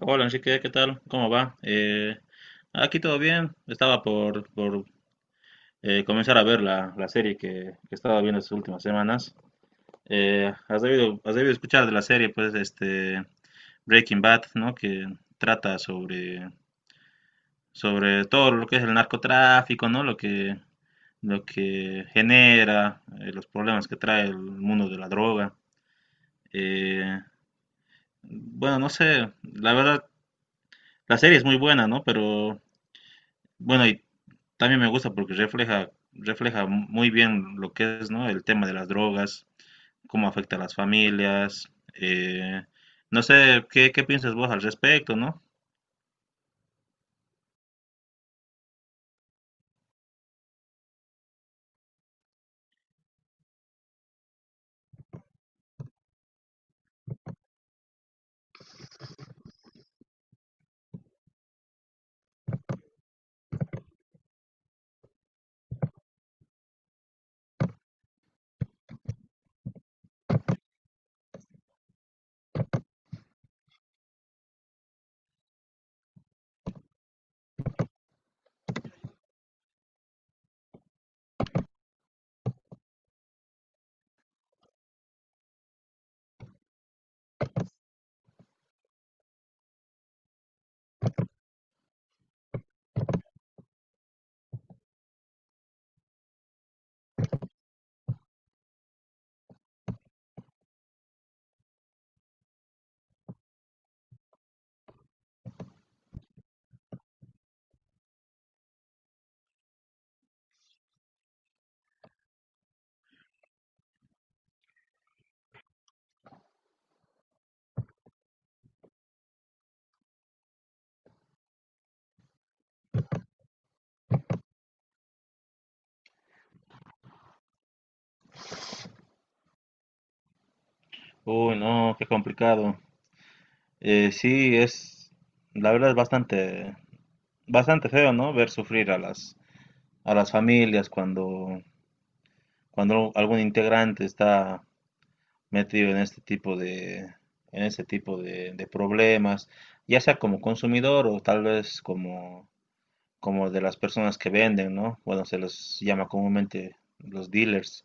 Hola Enrique, ¿qué tal? ¿Cómo va? Aquí todo bien. Estaba por comenzar a ver la serie que estaba viendo estas últimas semanas. Has debido escuchar de la serie, pues, este Breaking Bad, ¿no? Que trata sobre todo lo que es el narcotráfico, ¿no? Lo que genera, los problemas que trae el mundo de la droga. Eh, bueno, no sé, la verdad, la serie es muy buena, ¿no? Pero bueno, y también me gusta porque refleja muy bien lo que es, ¿no? El tema de las drogas, cómo afecta a las familias. eh, no sé, qué piensas vos al respecto, ¿no? Uy, no, qué complicado. Sí, la verdad es bastante feo, ¿no? Ver sufrir a a las familias cuando algún integrante está metido en en este tipo de problemas, ya sea como consumidor o tal vez como de las personas que venden, ¿no? Bueno, se les llama comúnmente los dealers.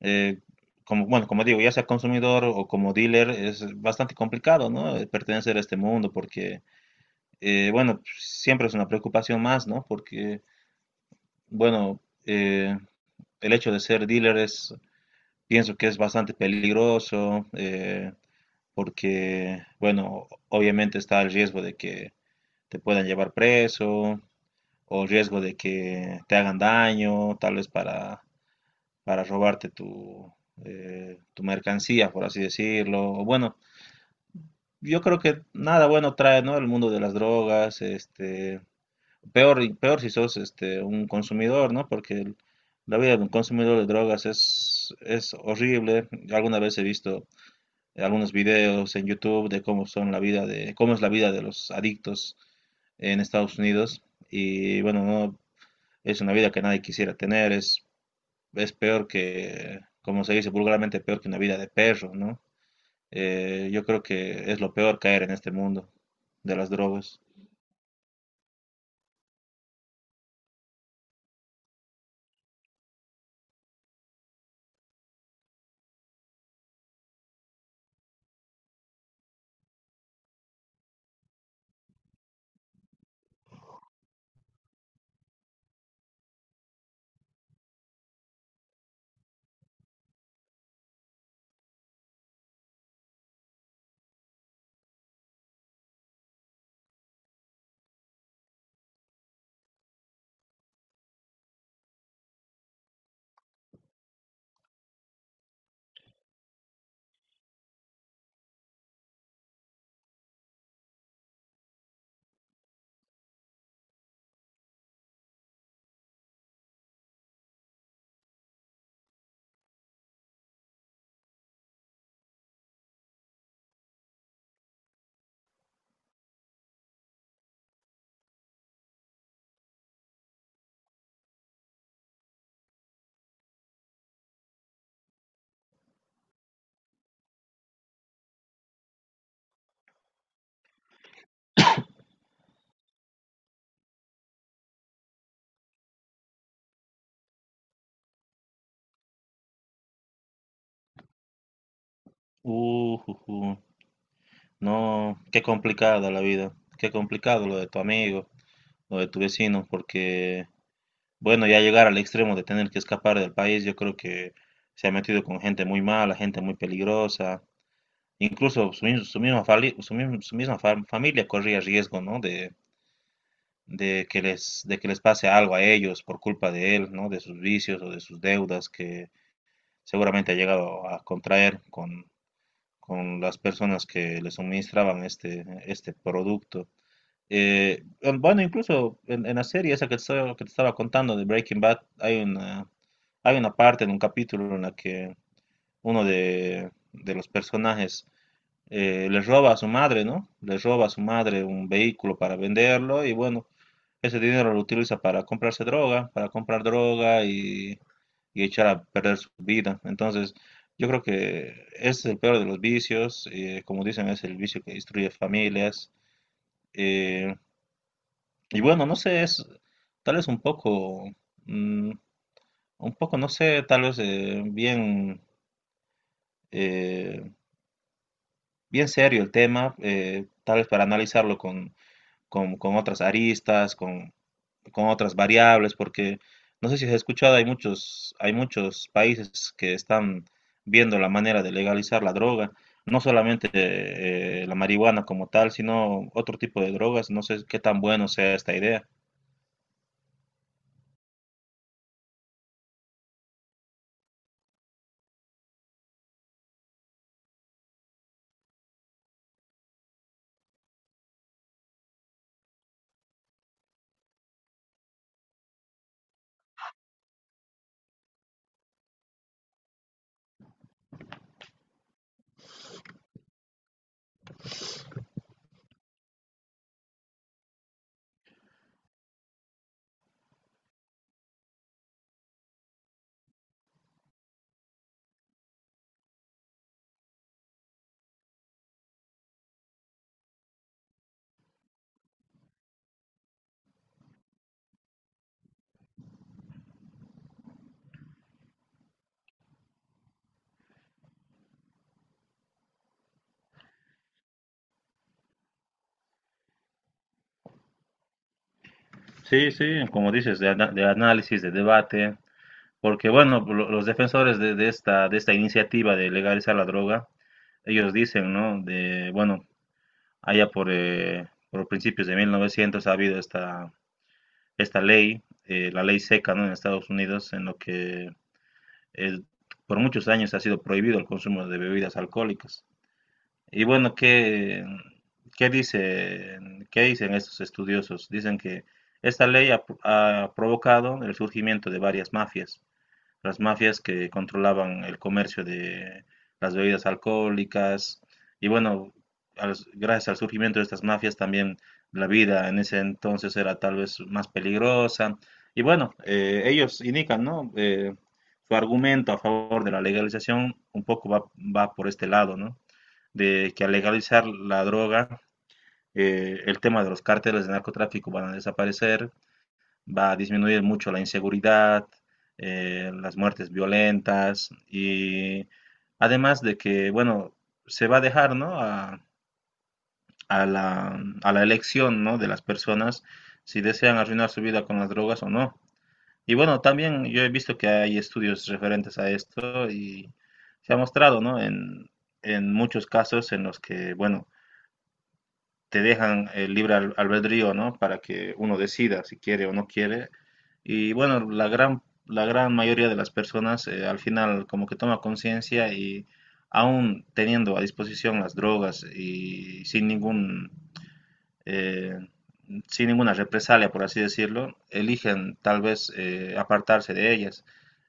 Eh, Como digo, ya sea consumidor o como dealer, es bastante complicado, ¿no? Pertenecer a este mundo porque, bueno, siempre es una preocupación más, ¿no? Porque, bueno, eh, el hecho de ser dealer es, pienso que es bastante peligroso, porque, bueno, obviamente está el riesgo de que te puedan llevar preso o el riesgo de que te hagan daño, tal vez para robarte tu mercancía, por así decirlo. O bueno, yo creo que nada bueno trae, ¿no? El mundo de las drogas, este, peor si sos este, un consumidor, ¿no? La vida de un consumidor de drogas es horrible. Alguna vez he visto algunos videos en YouTube de cómo son la vida de, cómo es la vida de los adictos en Estados Unidos. Y bueno, no, es una vida que nadie quisiera tener, es peor que, como se dice vulgarmente, peor que una vida de perro, ¿no? Yo creo que es lo peor caer en este mundo de las drogas. Uh, uh, uh. No, qué complicada la vida, qué complicado lo de tu amigo, lo de tu vecino, porque bueno, ya llegar al extremo de tener que escapar del país, yo creo que se ha metido con gente muy mala, gente muy peligrosa. Incluso su misma, su misma familia corría riesgo, ¿no? De que les pase algo a ellos por culpa de él, ¿no? De sus vicios o de sus deudas que seguramente ha llegado a contraer con las personas que le suministraban este, este producto. Incluso en la serie esa que te estaba contando de Breaking Bad, hay una parte en un capítulo en la que uno de los personajes le roba a su madre, ¿no? Le roba a su madre un vehículo para venderlo y bueno, ese dinero lo utiliza para comprarse droga, para comprar droga y echar a perder su vida. Entonces, yo creo que ese es el peor de los vicios, como dicen, es el vicio que destruye familias. Eh, y bueno, no sé, es tal vez un poco, mm, un poco, no sé, tal vez eh, bien serio el tema, tal vez para analizarlo con otras aristas, con otras variables, porque no sé si has escuchado, hay muchos países que están viendo la manera de legalizar la droga, no solamente la marihuana como tal, sino otro tipo de drogas, no sé qué tan bueno sea esta idea. Sí, sí, como dices, de análisis, de debate, porque bueno, los defensores de esta iniciativa de legalizar la droga, ellos dicen, ¿no? De, bueno, allá por principios de 1900 ha habido esta, esta ley, la ley seca, ¿no? En Estados Unidos, en lo que eh, por muchos años ha sido prohibido el consumo de bebidas alcohólicas. Y bueno, ¿qué, qué dicen estos estudiosos? Dicen que esta ley ha, ha provocado el surgimiento de varias mafias, las mafias que controlaban el comercio de las bebidas alcohólicas. Y bueno, gracias al surgimiento de estas mafias también la vida en ese entonces era tal vez más peligrosa. Y bueno, ellos indican, ¿no? Su argumento a favor de la legalización un poco va por este lado, ¿no? De que al legalizar la droga, el tema de los cárteles de narcotráfico van a desaparecer, va a disminuir mucho la inseguridad, las muertes violentas y además de que, bueno, se va a dejar, ¿no? a, a la elección, ¿no? de las personas si desean arruinar su vida con las drogas o no. Y bueno, también yo he visto que hay estudios referentes a esto y se ha mostrado, ¿no? En muchos casos en los que, bueno, te dejan el libre albedrío, ¿no? Para que uno decida si quiere o no quiere. Y bueno, la gran mayoría de las personas al final como que toma conciencia y aún teniendo a disposición las drogas y sin ningún eh, sin ninguna represalia, por así decirlo, eligen tal vez apartarse de ellas.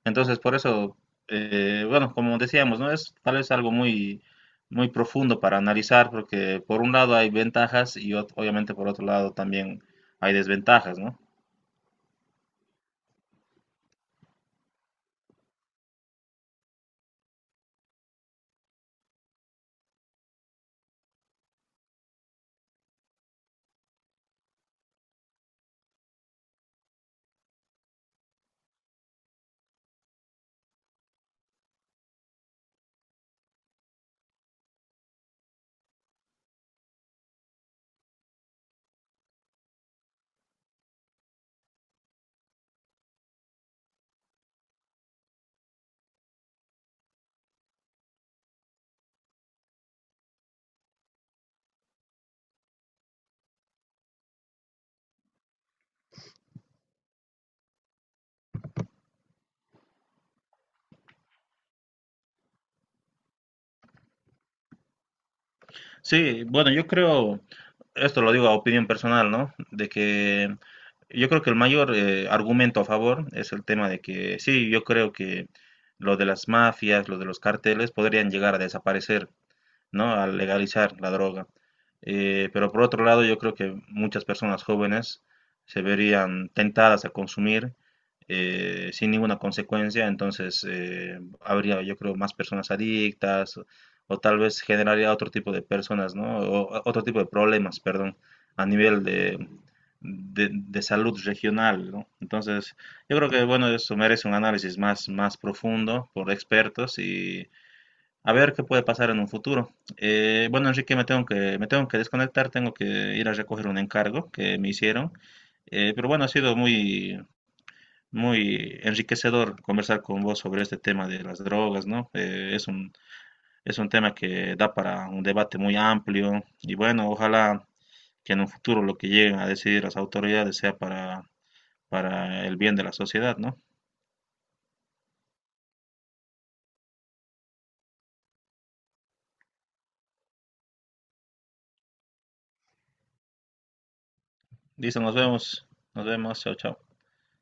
Entonces, por eso, bueno, como decíamos, ¿no? Es tal vez algo muy profundo para analizar, porque por un lado hay ventajas y obviamente por otro lado también hay desventajas, ¿no? Sí, bueno, yo creo, esto lo digo a opinión personal, ¿no? De que yo creo que el mayor argumento a favor es el tema de que sí, yo creo que lo de las mafias, lo de los carteles podrían llegar a desaparecer, ¿no? Al legalizar la droga. Pero por otro lado, yo creo que muchas personas jóvenes se verían tentadas a consumir sin ninguna consecuencia, entonces habría, yo creo, más personas adictas o tal vez generaría otro tipo de personas, ¿no? O otro tipo de problemas, perdón, a nivel de salud regional, ¿no? Entonces, yo creo que, bueno, eso merece un análisis más profundo por expertos y a ver qué puede pasar en un futuro. Bueno, Enrique, me tengo me tengo que desconectar, tengo que ir a recoger un encargo que me hicieron. Pero bueno, ha sido muy enriquecedor conversar con vos sobre este tema de las drogas, ¿no? Es un tema que da para un debate muy amplio y bueno, ojalá que en un futuro lo que lleguen a decidir las autoridades sea para el bien de la sociedad, ¿no? Dice, nos vemos, chao, chao.